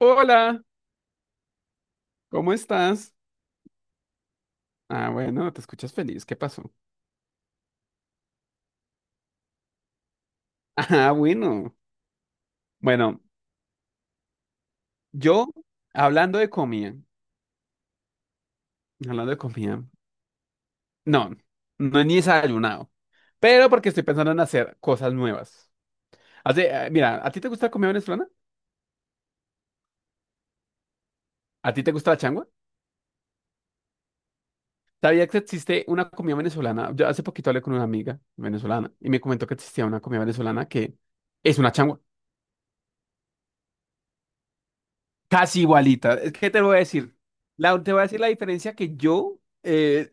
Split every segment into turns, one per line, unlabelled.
Hola, ¿cómo estás? Ah, bueno, te escuchas feliz, ¿qué pasó? Ah, bueno. Bueno, yo hablando de comida, hablando de comida, no, no he ni desayunado, pero porque estoy pensando en hacer cosas nuevas. Hace, mira, ¿a ti te gusta la comida venezolana? ¿A ti te gusta la changua? ¿Sabía que existe una comida venezolana? Yo hace poquito hablé con una amiga venezolana y me comentó que existía una comida venezolana que es una changua, casi igualita. Es que te voy a decir, te voy a decir la diferencia que yo... eh,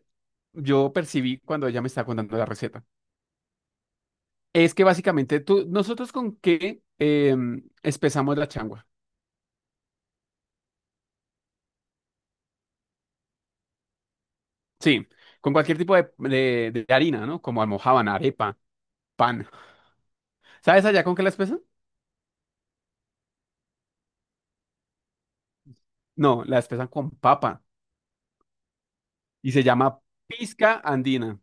yo percibí cuando ella me estaba contando la receta. Es que básicamente tú, nosotros con qué espesamos la changua. Sí, con cualquier tipo de harina, ¿no? Como almojábana, arepa, pan. ¿Sabes allá con qué la espesan? No, la espesan con papa y se llama pizca andina.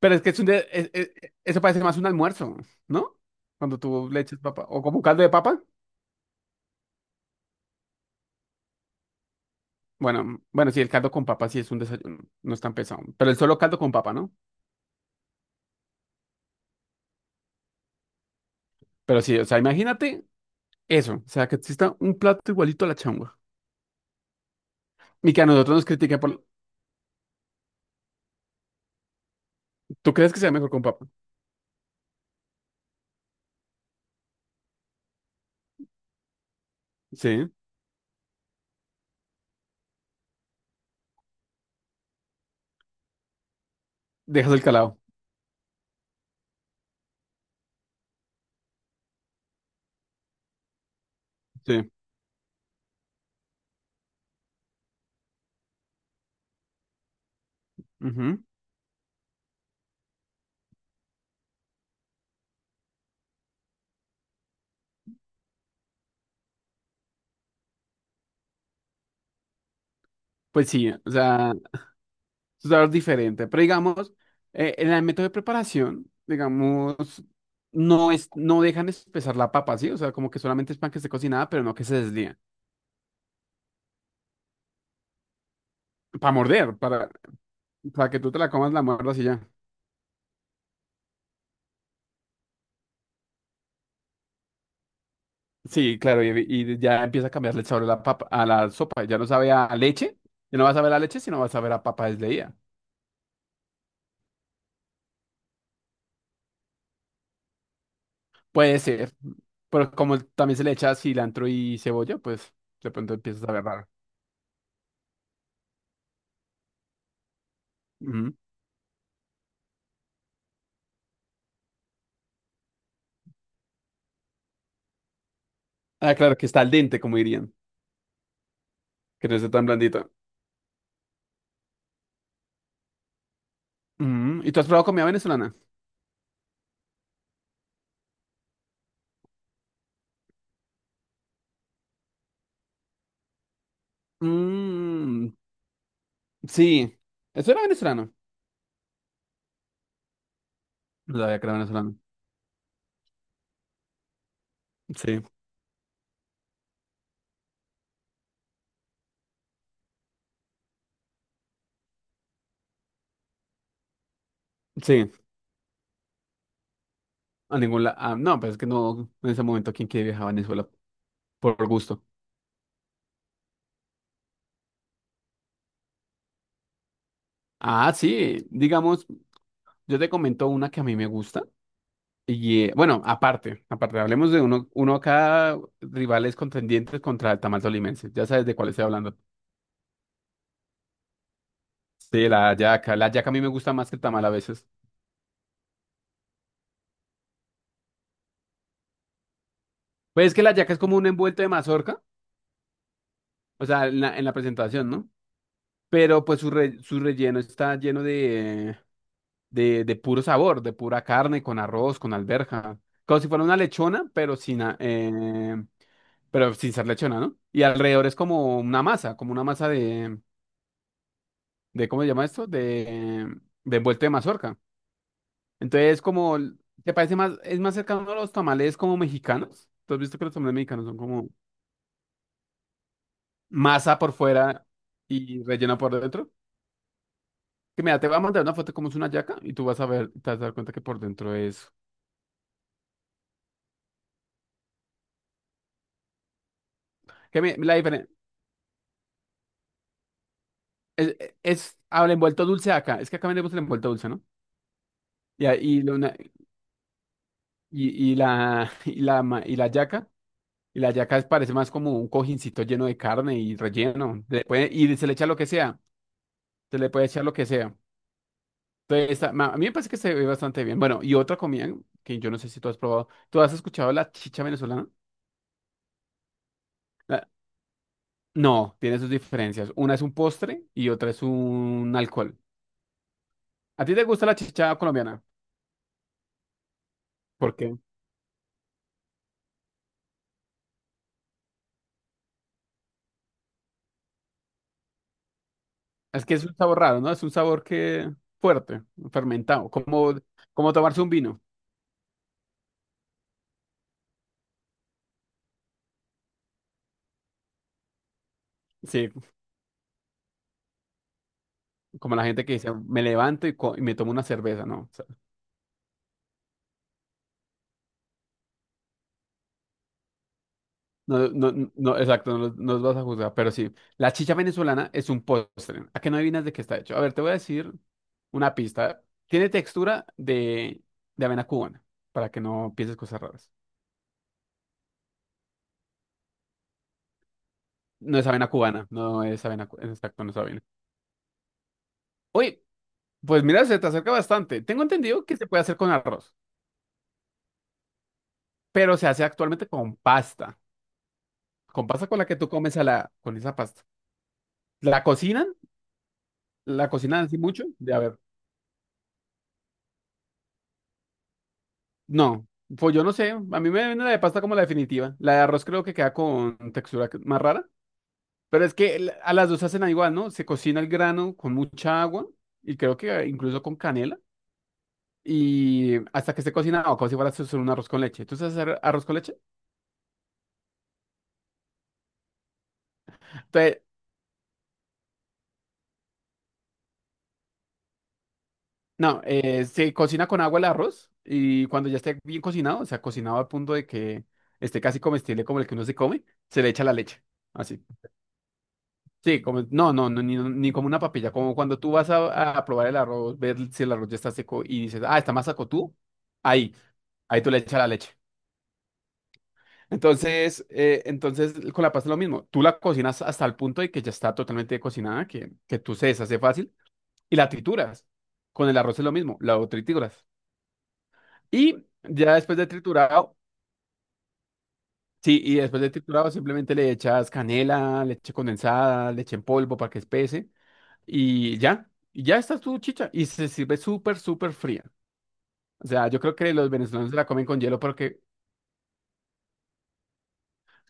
Pero es que es un de- es- eso parece más un almuerzo, ¿no? Cuando tú le echas papa o como un caldo de papa. Bueno, bueno, sí, el caldo con papa sí es un desayuno, no es tan pesado, pero el solo caldo con papa, ¿no? Pero sí, o sea, imagínate eso, o sea, que exista un plato igualito a la changua. Y que a nosotros nos critiquen por... ¿Tú crees que sea mejor con papa? Sí. Dejas el calado. Sí. Ujú. Pues sí, o sea, es algo diferente. Pero digamos, en el método de preparación, digamos, no es, no dejan espesar la papa, ¿sí? O sea, como que solamente es pan que esté cocinada, pero no que se deslíe. Para morder, para que tú te la comas, la muerdas y ya. Sí, claro, y ya empieza a cambiarle el sabor a la papa, a la sopa. Ya no sabe a leche, ya no va a saber a leche, sino va a saber a papa desleída. Puede ser, pero como también se le echa cilantro y cebolla, pues de pronto empieza a saber raro. Ujú. Ah, claro, que está al dente, como dirían, que no esté tan blandita. Ujú. ¿Y tú has probado comida venezolana? Mm, sí, eso era venezolano. No sabía que era venezolano. Sí, sí, a ningún lado. No, pues es que no, en ese momento, ¿quién quiere viajar a Venezuela por gusto? Ah, sí, digamos, yo te comento una que a mí me gusta. Y bueno, aparte, aparte, hablemos de uno, cada rivales contendientes contra el tamal tolimense. Ya sabes de cuál estoy hablando. Sí, la hallaca. La hallaca a mí me gusta más que el tamal a veces. Pues es que la hallaca es como un envuelto de mazorca, o sea, en la presentación, ¿no? Pero pues su relleno está lleno de puro sabor, de pura carne, con arroz, con alberja. Como si fuera una lechona, pero sin ser lechona, ¿no? Y alrededor es como una masa de ¿cómo se llama esto? De envuelto de mazorca. Entonces, como, ¿te parece más, es más cercano a los tamales como mexicanos? ¿Tú has visto que los tamales mexicanos son como masa por fuera y relleno por dentro? Que mira, te voy a mandar una foto como es una yaca y tú vas a ver, te vas a dar cuenta que por dentro es... Que la diferencia es, el envuelto dulce acá, es que acá vendemos el envuelto dulce, ¿no? Y, ahí- y, lo- una- y la yaca. Y la yaca es- parece más como un cojincito lleno de carne y relleno. Y se le echa lo que sea. Se le puede echar lo que sea. Entonces, a mí me parece que se ve bastante bien. Bueno, y otra comida que yo no sé si tú has probado. ¿Tú has escuchado la chicha venezolana? La- no, tiene sus diferencias. Una es un postre y otra es un alcohol. ¿A ti te gusta la chicha colombiana? ¿Por qué? Es que es un sabor raro, ¿no? Es un sabor que fuerte, fermentado, como tomarse un vino. Sí, como la gente que dice, me levanto y me tomo una cerveza, ¿no? No, no, no, no, exacto, no, los no los vas a juzgar, pero sí. La chicha venezolana es un postre. ¿A qué no adivinas de qué está hecho? A ver, te voy a decir una pista. Tiene textura de avena cubana, para que no pienses cosas raras. No es avena cubana, no es avena, exacto, no es avena. Oye, pues mira, se te acerca bastante. Tengo entendido que se puede hacer con arroz, pero se hace actualmente con pasta, con pasta con la que tú comes a la, con esa pasta. ¿La cocinan? ¿La cocinan así mucho? De haber No, pues yo no sé. A mí me viene la de pasta como la definitiva. La de arroz creo que queda con textura más rara. Pero es que a las dos hacen igual, ¿no? Se cocina el grano con mucha agua y creo que incluso con canela. Y hasta que esté cocinado, como si fuera solo un arroz con leche. ¿Tú sabes hacer arroz con leche? Entonces, no, se cocina con agua el arroz y cuando ya esté bien cocinado, o sea, cocinado al punto de que esté casi comestible como el que uno se come, se le echa la leche. Así. Sí, como, no, no, no, ni como una papilla, como cuando tú vas a probar el arroz, ver si el arroz ya está seco y dices, ah, está más seco tú, ahí, ahí tú le echas la leche. Entonces, entonces con la pasta es lo mismo, tú la cocinas hasta el punto de que ya está totalmente cocinada, que tú se deshace fácil y la trituras. Con el arroz es lo mismo, la trituras. Y ya después de triturado, sí, y después de triturado simplemente le echas canela, leche condensada, leche en polvo para que espese. Y ya está tu chicha. Y se sirve súper, súper fría. O sea, yo creo que los venezolanos se la comen con hielo porque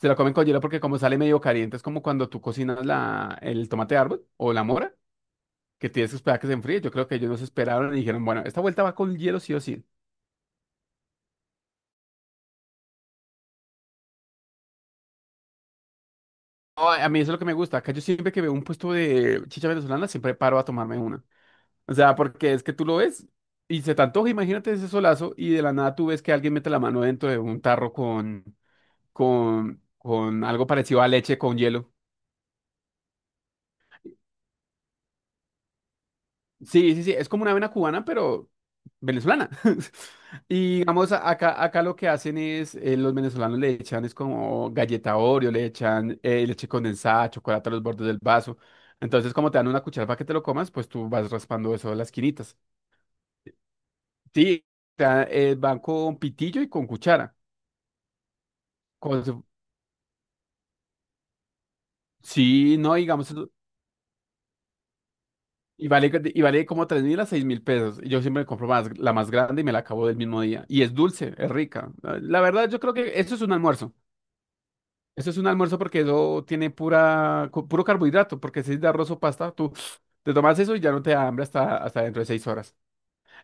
como sale medio caliente, es como cuando tú cocinas el tomate de árbol o la mora, que tienes que esperar que se enfríe. Yo creo que ellos no se esperaron y dijeron, bueno, esta vuelta va con hielo sí o sí. Ay, a mí eso es lo que me gusta. Acá yo siempre que veo un puesto de chicha venezolana, siempre paro a tomarme una. O sea, porque es que tú lo ves y se te antoja, imagínate ese solazo y de la nada tú ves que alguien mete la mano dentro de un tarro con con algo parecido a leche con hielo. Sí, sí, sí, es como una avena cubana, pero venezolana. Y digamos, a- acá, acá lo que hacen es, los venezolanos le echan, es como galleta Oreo, le echan leche condensada, chocolate a los bordes del vaso. Entonces, como te dan una cuchara para que te lo comas, pues tú vas raspando eso de las quinitas. Sí, van con pitillo y con cuchara. Como si- Sí, no, digamos, Y vale, y vale como 3.000 a 6.000 pesos. Y yo siempre me compro más, la más grande y me la acabo del mismo día. Y es dulce, es rica. La verdad, yo creo que eso es un almuerzo. Eso es un almuerzo porque eso tiene pura, puro carbohidrato. Porque si es de arroz o pasta, tú te tomas eso y ya no te da hambre hasta dentro de 6 horas.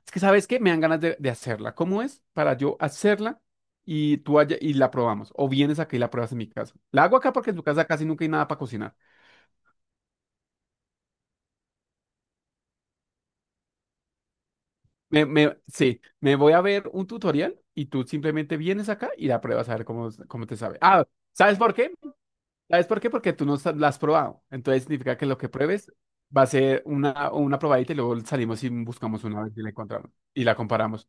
Es que, ¿sabes qué? Me dan ganas de hacerla. ¿Cómo es para yo hacerla y tú allá y la probamos? O vienes acá y la pruebas en mi casa. La hago acá porque en tu casa casi nunca hay nada para cocinar. Sí, me voy a ver un tutorial y tú simplemente vienes acá y la pruebas a ver cómo te sabe. Ah, ¿sabes por qué? ¿Sabes por qué? Porque tú no la has probado. Entonces significa que lo que pruebes va a ser una probadita y luego salimos y buscamos una vez y la encontramos y la comparamos.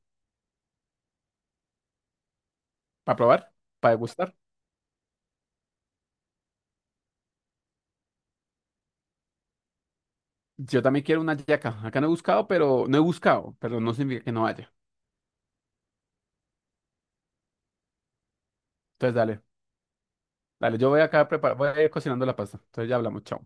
¿Para probar? ¿Para degustar? Yo también quiero una yaca. Acá no he buscado, pero no he buscado, pero no significa que no haya. Entonces dale, dale, yo voy acá a preparar, voy a ir cocinando la pasta. Entonces ya hablamos, chao.